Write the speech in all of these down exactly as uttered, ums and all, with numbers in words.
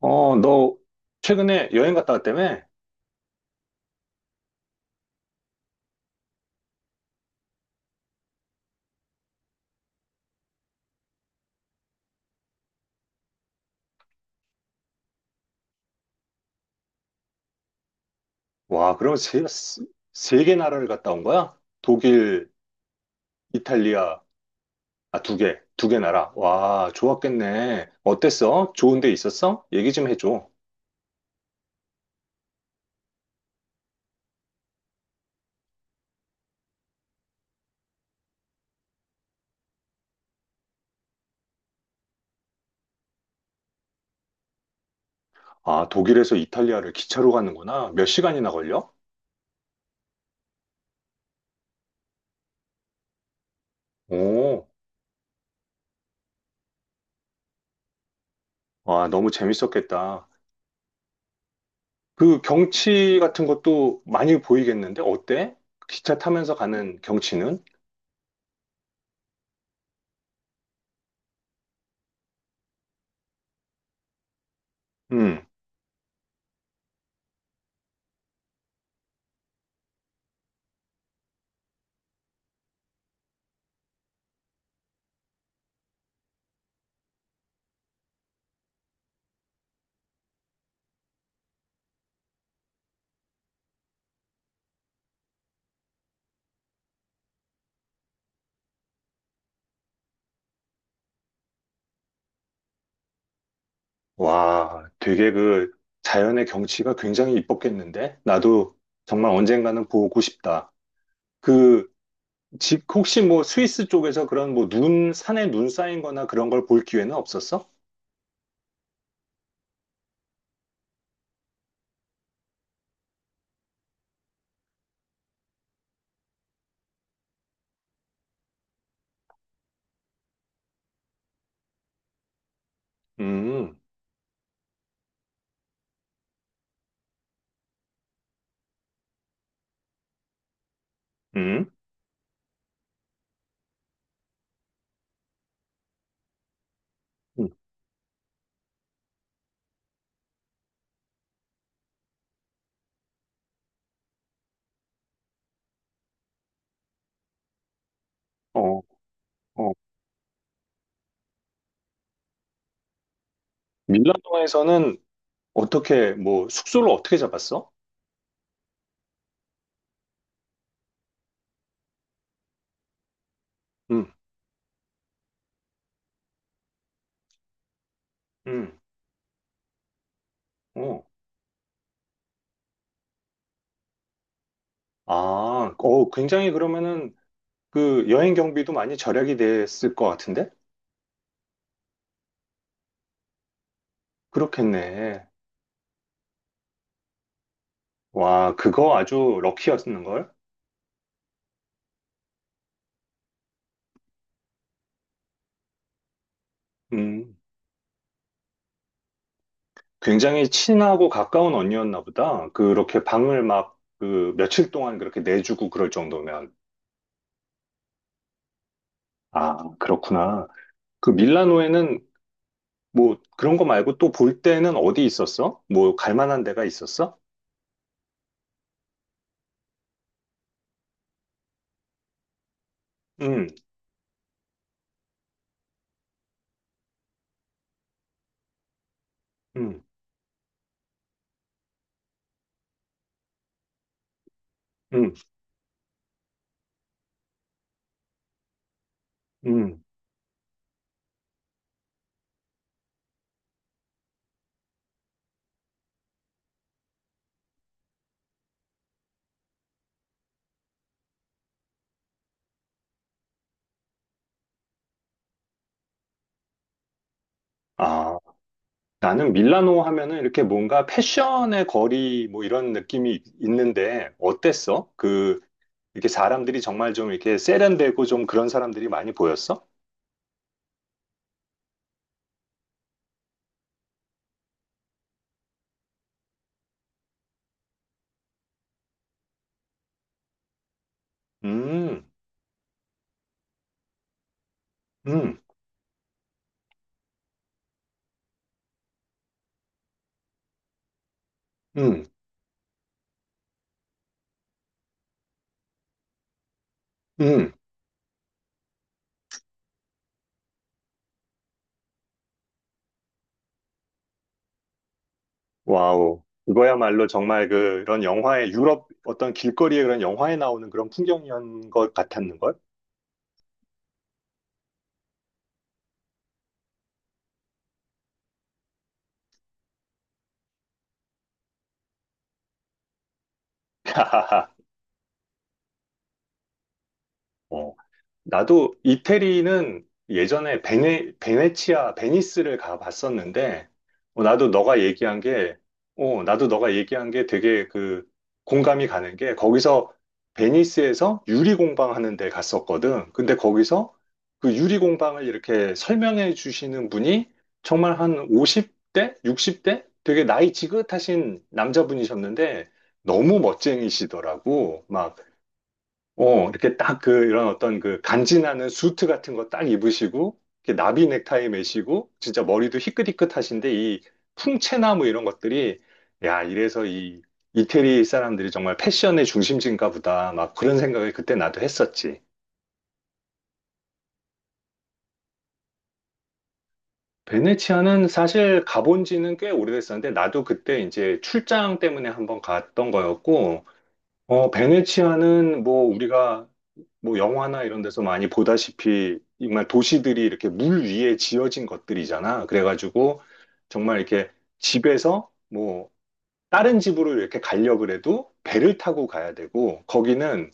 어, 너 최근에 여행 갔다 왔다며? 와, 그럼 세, 세 개 나라를 갔다 온 거야? 독일, 이탈리아, 아, 두 개, 두개 나라. 와, 좋았겠네. 어땠어? 좋은 데 있었어? 얘기 좀 해줘. 아, 독일에서 이탈리아를 기차로 가는구나. 몇 시간이나 걸려? 오, 와, 너무 재밌었겠다. 그 경치 같은 것도 많이 보이겠는데? 어때? 기차 타면서 가는 경치는? 음. 와, 되게 그 자연의 경치가 굉장히 이뻤겠는데? 나도 정말 언젠가는 보고 싶다. 그, 집, 혹시 뭐 스위스 쪽에서 그런 뭐 눈, 산에 눈 쌓인 거나 그런 걸 볼 기회는 없었어? 음, 음, 음. 어, 어. 밀라노에서는 어떻게, 뭐 숙소를 어떻게 잡았어? 음, 음, 어. 아, 어, 굉장히 그러면은 그 여행 경비도 많이 절약이 됐을 것 같은데? 그렇겠네. 와, 그거 아주 럭키였는걸? 음, 굉장히 친하고 가까운 언니였나 보다. 그렇게 방을 막 그 며칠 동안 그렇게 내주고 그럴 정도면. 아, 그렇구나. 그 밀라노에는 뭐 그런 거 말고 또 볼 때는 어디 있었어? 뭐 갈 만한 데가 있었어? 음, 음, 음, 음. 아, 나는 밀라노 하면은 이렇게 뭔가 패션의 거리 뭐 이런 느낌이 있는데 어땠어? 그 이렇게 사람들이 정말 좀 이렇게 세련되고 좀 그런 사람들이 많이 보였어? 음, 음. 음. 음, 와우. 이거야말로 정말 그- 그런 영화에, 유럽 어떤 길거리에 그런 영화에 나오는 그런 풍경이었던 것 같았는걸? 어, 나도 이태리는 예전에 베네, 베네치아, 베니스를 가봤었는데, 어, 나도 너가 얘기한 게, 어, 나도 너가 얘기한 게 되게 그 공감이 가는 게, 거기서 베니스에서 유리공방 하는 데 갔었거든. 근데 거기서 그 유리공방을 이렇게 설명해 주시는 분이 정말 한 오십 대? 육십 대? 되게 나이 지긋하신 남자분이셨는데, 너무 멋쟁이시더라고. 막 어, 이렇게 딱 그, 이런 어떤 그 간지나는 수트 같은 거 딱 입으시고, 이렇게 나비 넥타이 매시고, 진짜 머리도 희끗희끗하신데, 이 풍채나무 이런 것들이, 야, 이래서 이 이태리 사람들이 정말 패션의 중심지인가 보다. 막 그런 생각을 그때 나도 했었지. 베네치아는 사실 가본 지는 꽤 오래됐었는데, 나도 그때 이제 출장 때문에 한번 갔던 거였고, 어, 베네치아는 뭐 우리가 뭐 영화나 이런 데서 많이 보다시피 정말 도시들이 이렇게 물 위에 지어진 것들이잖아. 그래가지고 정말 이렇게 집에서 뭐 다른 집으로 이렇게 가려고 그래도 배를 타고 가야 되고 거기는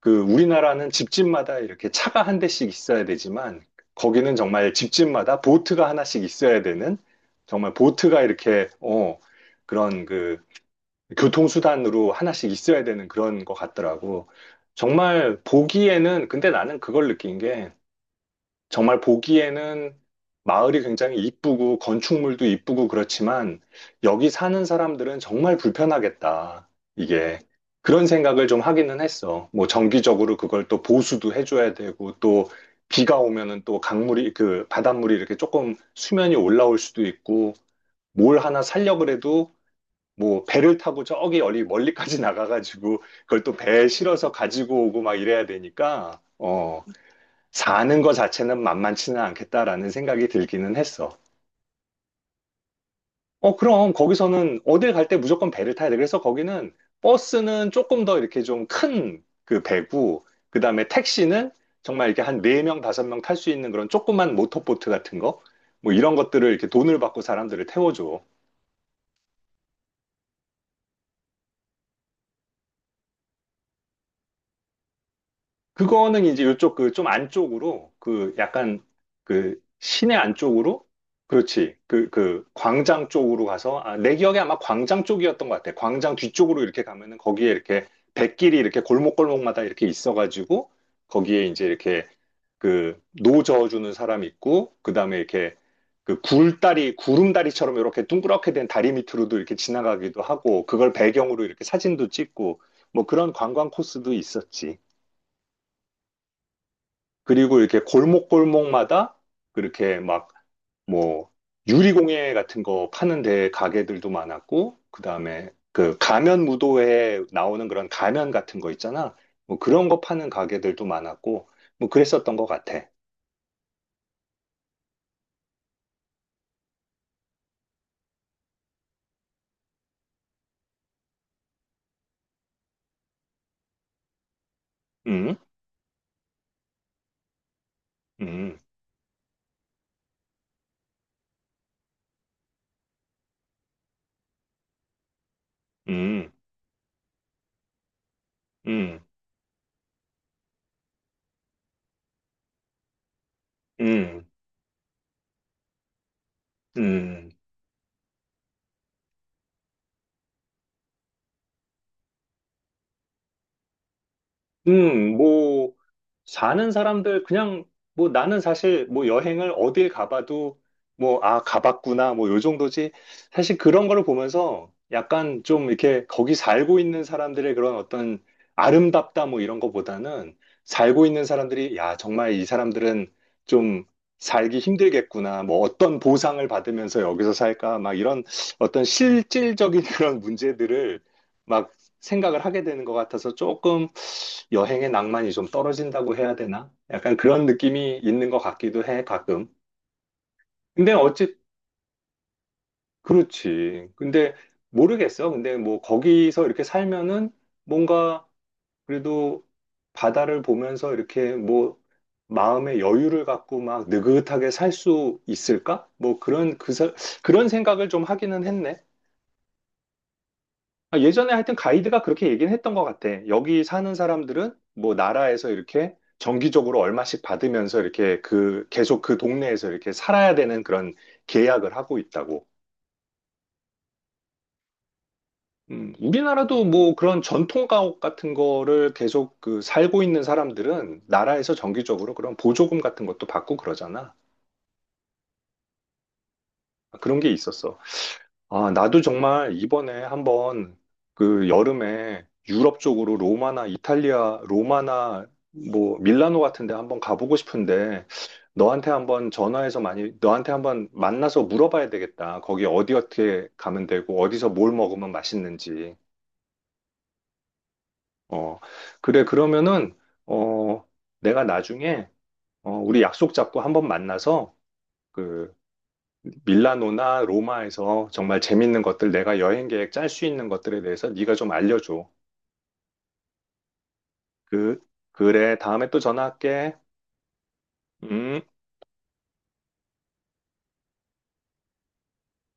그 우리나라는 집집마다 이렇게 차가 한 대씩 있어야 되지만 거기는 정말 집집마다 보트가 하나씩 있어야 되는 정말 보트가 이렇게 어 그런 그 교통수단으로 하나씩 있어야 되는 그런 것 같더라고. 정말 보기에는, 근데 나는 그걸 느낀 게, 정말 보기에는 마을이 굉장히 이쁘고, 건축물도 이쁘고 그렇지만, 여기 사는 사람들은 정말 불편하겠다. 이게. 그런 생각을 좀 하기는 했어. 뭐, 정기적으로 그걸 또 보수도 해줘야 되고, 또, 비가 오면은 또 강물이, 그, 바닷물이 이렇게 조금 수면이 올라올 수도 있고, 뭘 하나 살려 그래도 뭐 배를 타고 저기 리 멀리까지 나가가지고 그걸 또 배에 실어서 가지고 오고 막 이래야 되니까 어 사는 거 자체는 만만치는 않겠다라는 생각이 들기는 했어. 어 그럼 거기서는 어딜 갈 때 무조건 배를 타야 돼. 그래서 거기는 버스는 조금 더 이렇게 좀 큰 그 배고 그다음에 택시는 정말 이렇게 한 네명 다섯 명 탈 수 있는 그런 조그만 모터보트 같은 거 뭐 이런 것들을 이렇게 돈을 받고 사람들을 태워줘. 그거는 이제 요쪽 그 좀 안쪽으로 그 약간 그 시내 안쪽으로 그렇지 그 그 광장 쪽으로 가서 아, 내 기억에 아마 광장 쪽이었던 것 같아. 광장 뒤쪽으로 이렇게 가면은 거기에 이렇게 백길이 이렇게 골목골목마다 이렇게 있어가지고 거기에 이제 이렇게 그 노 저어주는 사람 있고 그 다음에 이렇게 그 굴다리 구름다리처럼 이렇게 둥그렇게 된 다리 밑으로도 이렇게 지나가기도 하고 그걸 배경으로 이렇게 사진도 찍고 뭐 그런 관광 코스도 있었지. 그리고 이렇게 골목골목마다 그렇게 막 뭐 유리공예 같은 거 파는 데 가게들도 많았고 그다음에 그 가면 무도회에 나오는 그런 가면 같은 거 있잖아. 뭐 그런 거 파는 가게들도 많았고 뭐 그랬었던 것 같아. 음, 음, 음, 음, 음, 음. 음, 뭐, 사는 사람들, 그냥, 뭐, 나는 사실, 뭐, 여행을 어딜 가봐도, 뭐, 아, 가봤구나, 뭐, 요 정도지. 사실 그런 거를 보면서 약간 좀 이렇게 거기 살고 있는 사람들의 그런 어떤 아름답다, 뭐, 이런 거보다는 살고 있는 사람들이, 야, 정말 이 사람들은 좀 살기 힘들겠구나, 뭐, 어떤 보상을 받으면서 여기서 살까, 막 이런 어떤 실질적인 그런 문제들을 막 생각을 하게 되는 것 같아서 조금 여행의 낭만이 좀 떨어진다고 해야 되나? 약간 그런 느낌이 있는 것 같기도 해, 가끔. 근데 어찌, 그렇지. 근데 모르겠어. 근데 뭐 거기서 이렇게 살면은 뭔가 그래도 바다를 보면서 이렇게 뭐 마음의 여유를 갖고 막 느긋하게 살 수 있을까? 뭐 그런, 그, 사- 그런 생각을 좀 하기는 했네. 아, 예전에 하여튼 가이드가 그렇게 얘기는 했던 것 같아. 여기 사는 사람들은 뭐 나라에서 이렇게 정기적으로 얼마씩 받으면서 이렇게 그 계속 그 동네에서 이렇게 살아야 되는 그런 계약을 하고 있다고. 음, 우리나라도 뭐 그런 전통 가옥 같은 거를 계속 그 살고 있는 사람들은 나라에서 정기적으로 그런 보조금 같은 것도 받고 그러잖아. 그런 게 있었어. 아, 나도 정말 이번에 한번 그 여름에 유럽 쪽으로 로마나 이탈리아, 로마나 뭐 밀라노 같은 데 한번 가보고 싶은데 너한테 한번 전화해서 많이 너한테 한번 만나서 물어봐야 되겠다. 거기 어디 어떻게 가면 되고 어디서 뭘 먹으면 맛있는지. 어. 그래 그러면은 어 내가 나중에 어 우리 약속 잡고 한번 만나서 그 밀라노나 로마에서 정말 재밌는 것들, 내가 여행 계획 짤 수 있는 것들에 대해서 네가 좀 알려줘. 그, 그래, 다음에 또 전화할게. 음.